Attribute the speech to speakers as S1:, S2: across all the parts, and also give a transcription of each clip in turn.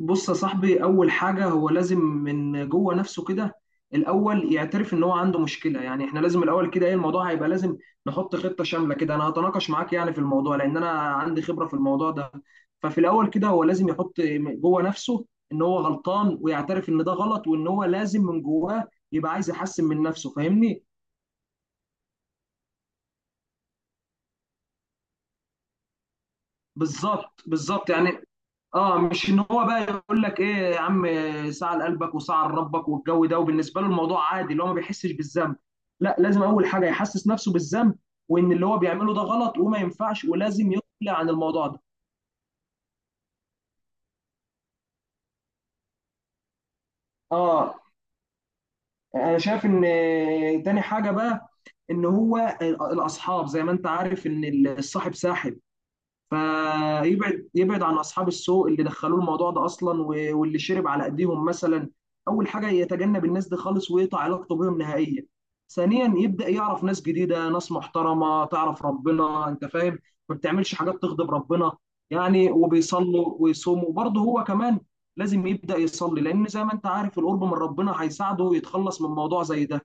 S1: بص يا صاحبي، اول حاجه هو لازم من جوه نفسه كده الاول يعترف ان هو عنده مشكله. يعني احنا لازم الاول كده ايه الموضوع هيبقى لازم نحط خطه شامله كده. انا هتناقش معاك يعني في الموضوع لان انا عندي خبره في الموضوع ده. ففي الاول كده هو لازم يحط جوه نفسه ان هو غلطان ويعترف ان ده غلط، وان هو لازم من جواه يبقى عايز يحسن من نفسه. فاهمني؟ بالظبط بالظبط يعني. اه مش ان هو بقى يقول لك ايه يا عم، ساعة لقلبك وساعة لربك والجو ده، وبالنسبه له الموضوع عادي اللي هو ما بيحسش بالذنب. لا، لازم اول حاجه يحسس نفسه بالذنب، وان اللي هو بيعمله ده غلط وما ينفعش ولازم يقلع عن الموضوع ده. اه انا شايف ان تاني حاجه بقى، ان هو الاصحاب زي ما انت عارف ان الصاحب ساحب، فيبعد عن اصحاب السوء اللي دخلوه الموضوع ده اصلا واللي شرب على ايديهم مثلا. اول حاجه يتجنب الناس دي خالص ويقطع علاقته بهم نهائيا. ثانيا يبدا يعرف ناس جديده، ناس محترمه تعرف ربنا، انت فاهم ما بتعملش حاجات تغضب ربنا، يعني وبيصلوا ويصوموا. وبرضه هو كمان لازم يبدا يصلي، لان زي ما انت عارف القرب من ربنا هيساعده يتخلص من موضوع زي ده.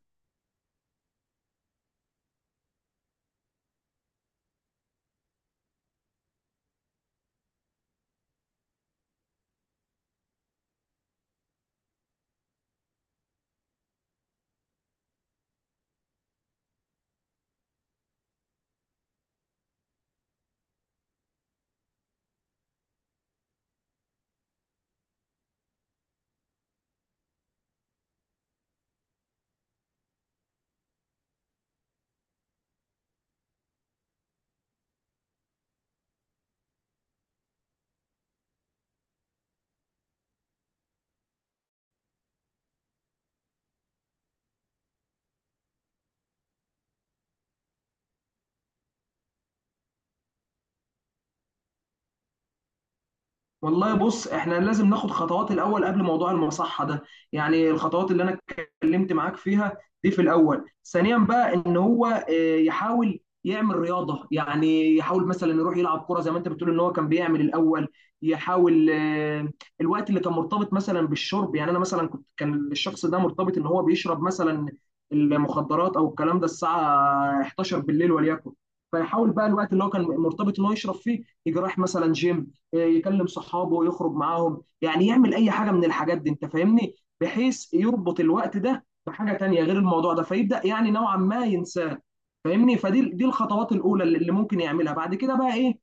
S1: والله بص احنا لازم ناخد خطوات الاول قبل موضوع المصحه ده. يعني الخطوات اللي انا اتكلمت معاك فيها دي في الاول. ثانيا بقى ان هو يحاول يعمل رياضه، يعني يحاول مثلا يروح يلعب كره زي ما انت بتقول ان هو كان بيعمل الاول. يحاول الوقت اللي كان مرتبط مثلا بالشرب، يعني انا مثلا كنت كان الشخص ده مرتبط ان هو بيشرب مثلا المخدرات او الكلام ده الساعه 11 بالليل وليكن. فيحاول بقى الوقت اللي هو كان مرتبط ان هو يشرب فيه يجي رايح مثلا جيم، يكلم صحابه يخرج معاهم، يعني يعمل اي حاجه من الحاجات دي. انت فاهمني؟ بحيث يربط الوقت ده بحاجه تانية غير الموضوع ده فيبدا يعني نوعا ما ينساه. فاهمني؟ فدي الخطوات الاولى اللي ممكن يعملها. بعد كده بقى ايه؟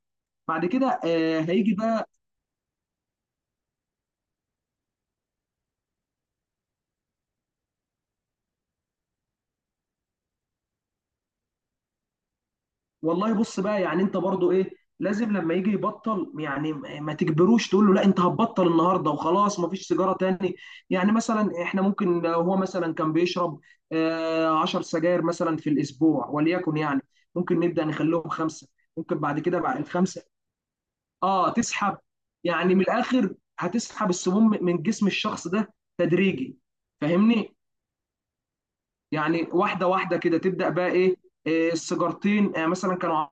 S1: بعد كده آه هيجي بقى. والله بص بقى يعني انت برضو ايه لازم لما يجي يبطل، يعني ما تجبروش تقول له لا انت هتبطل النهارده وخلاص ما فيش سيجاره تاني. يعني مثلا احنا ممكن لو هو مثلا كان بيشرب 10 سجاير مثلا في الاسبوع وليكن، يعني ممكن نبدا نخليهم خمسه. ممكن بعد كده بعد الخمسه اه تسحب يعني من الاخر. هتسحب السموم من جسم الشخص ده تدريجي. فاهمني؟ يعني واحده واحده كده تبدا بقى ايه السيجارتين مثلا كانوا.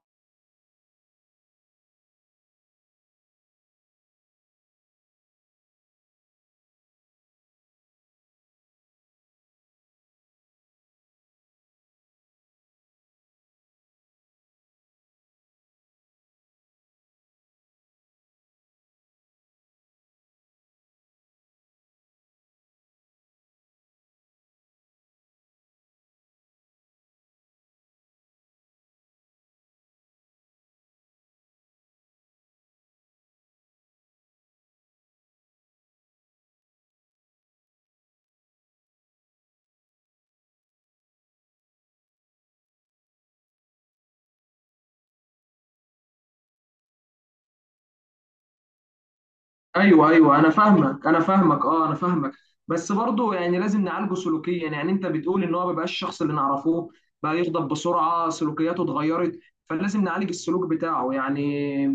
S1: ايوه ايوه انا فاهمك انا فاهمك اه انا فاهمك. بس برضه يعني لازم نعالجه سلوكيا. يعني انت بتقول ان هو ما بقاش الشخص اللي نعرفوه، بقى يغضب بسرعه، سلوكياته اتغيرت، فلازم نعالج السلوك بتاعه يعني.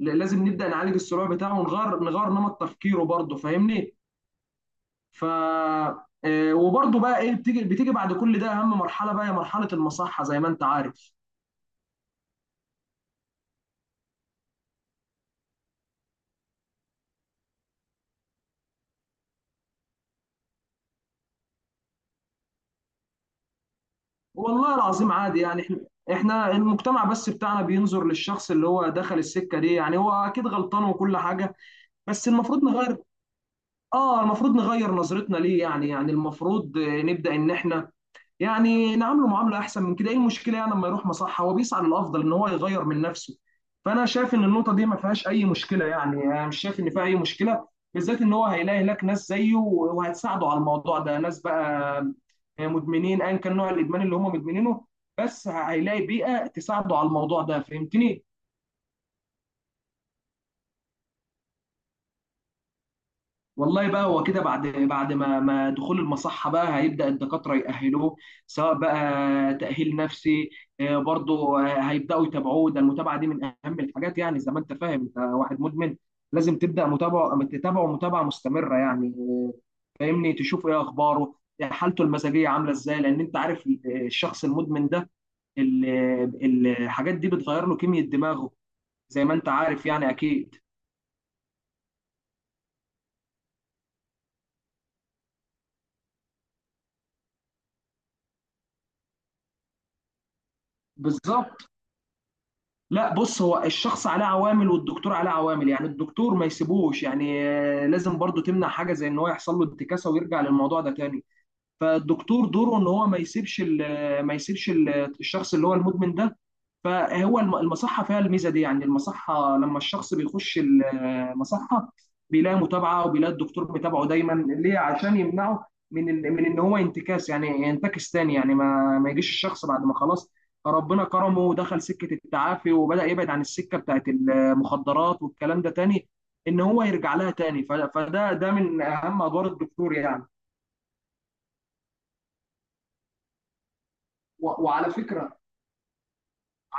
S1: لازم نبدا نعالج السلوك بتاعه ونغير نمط تفكيره برضه. فاهمني؟ ف وبرضه بقى ايه بتيجي بعد كل ده اهم مرحله بقى هي مرحله المصحه زي ما انت عارف. والله العظيم عادي يعني. احنا المجتمع بس بتاعنا بينظر للشخص اللي هو دخل السكة دي، يعني هو اكيد غلطان وكل حاجة. بس المفروض نغير. اه المفروض نغير نظرتنا ليه، يعني المفروض نبدأ ان احنا يعني نعامله معامله احسن من كده. ايه المشكله يعني لما يروح مصحه هو بيسعى للافضل ان هو يغير من نفسه. فانا شايف ان النقطه دي ما فيهاش اي مشكله، يعني انا مش شايف ان فيها اي مشكله. بالذات ان هو هيلاقي هناك ناس زيه وهتساعده على الموضوع ده، ناس بقى مدمنين ايا كان نوع الادمان اللي هم مدمنينه، بس هيلاقي بيئه تساعده على الموضوع ده. فهمتني؟ والله بقى هو كده بعد ما دخول المصحة بقى هيبدأ الدكاترة يأهلوه. سواء بقى تأهيل نفسي، برضه هيبدأوا يتابعوه. ده المتابعة دي من أهم الحاجات. يعني زي ما أنت فاهم أنت واحد مدمن لازم تبدأ متابعة، تتابعه متابعة مستمرة، يعني فاهمني تشوف إيه أخباره، حالته المزاجية عاملة إزاي. لأن أنت عارف الشخص المدمن ده، الحاجات دي بتغير له كيمياء دماغه، زي ما أنت عارف يعني أكيد. بالظبط. لا بص هو الشخص عليه عوامل والدكتور عليه عوامل، يعني الدكتور ما يسيبوش. يعني لازم برضو تمنع حاجة زي ان هو يحصل له انتكاسة ويرجع للموضوع ده تاني. فالدكتور دوره ان هو ما يسيبش الشخص اللي هو المدمن ده. فهو المصحه فيها الميزه دي. يعني المصحه لما الشخص بيخش المصحه بيلاقي متابعه، وبيلاقي الدكتور متابعه دايما ليه عشان يمنعه من من ان هو ينتكاس يعني ينتكس تاني. يعني ما يجيش الشخص بعد ما خلاص ربنا كرمه ودخل سكه التعافي وبدا يبعد عن السكه بتاعت المخدرات والكلام ده تاني ان هو يرجع لها تاني. فده ده من اهم ادوار الدكتور يعني. وعلى فكره،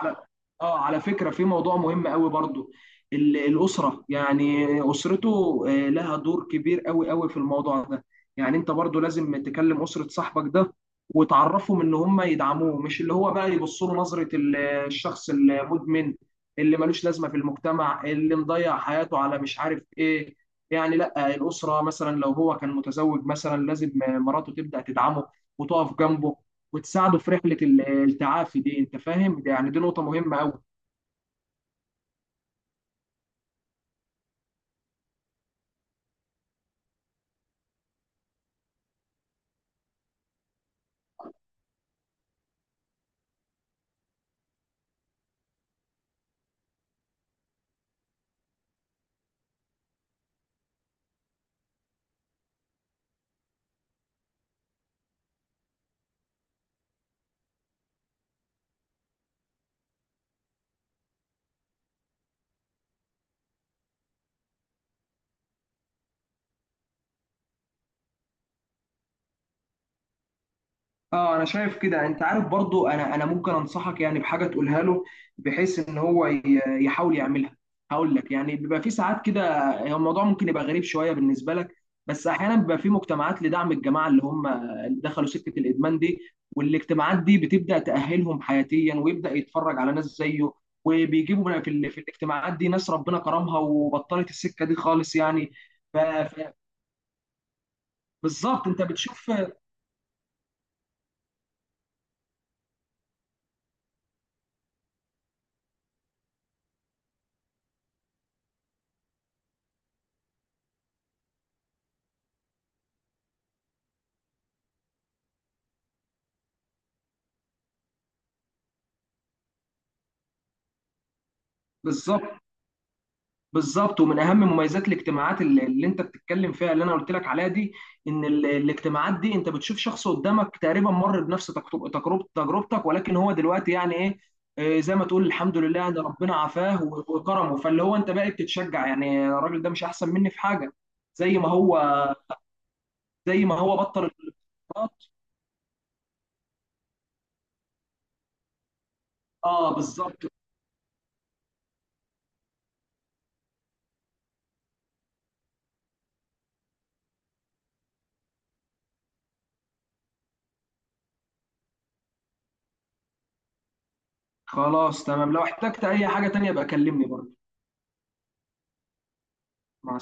S1: على اه على فكرة في موضوع مهم قوي برضو، الأسرة يعني أسرته لها دور كبير قوي قوي في الموضوع ده. يعني انت برضو لازم تكلم أسرة صاحبك ده وتعرفهم ان هم يدعموه، مش اللي هو بقى يبصوا له نظرة الشخص المدمن اللي ملوش لازمة في المجتمع، اللي مضيع حياته على مش عارف ايه. يعني لا الأسرة مثلا لو هو كان متزوج مثلا لازم مراته تبدأ تدعمه وتقف جنبه وتساعده في رحله التعافي دي. انت فاهم ده يعني دي نقطه مهمه قوي. اه انا شايف كده. انت عارف برضو، انا ممكن انصحك يعني بحاجه تقولها له بحيث ان هو يحاول يعملها. هقول لك يعني بيبقى في ساعات كده هو الموضوع ممكن يبقى غريب شويه بالنسبه لك، بس احيانا بيبقى في مجتمعات لدعم الجماعه اللي هم اللي دخلوا سكه الادمان دي. والاجتماعات دي بتبدا تاهلهم حياتيا، ويبدا يتفرج على ناس زيه. وبيجيبوا في في الاجتماعات دي ناس ربنا كرمها وبطلت السكه دي خالص يعني. ف- بالظبط انت بتشوف. بالظبط بالظبط، ومن اهم مميزات الاجتماعات اللي، اللي انت بتتكلم فيها اللي انا قلت لك عليها دي، ان الاجتماعات دي انت بتشوف شخص قدامك تقريبا مر بنفس تجربتك، ولكن هو دلوقتي يعني ايه زي ما تقول الحمد لله ان ربنا عافاه وكرمه. فاللي هو انت بقى بتتشجع يعني الراجل ده مش احسن مني في حاجه. زي ما هو زي ما هو بطل الإجراءات. اه بالظبط. خلاص تمام، لو احتجت اي حاجه تانية بقى كلمني برضه. مع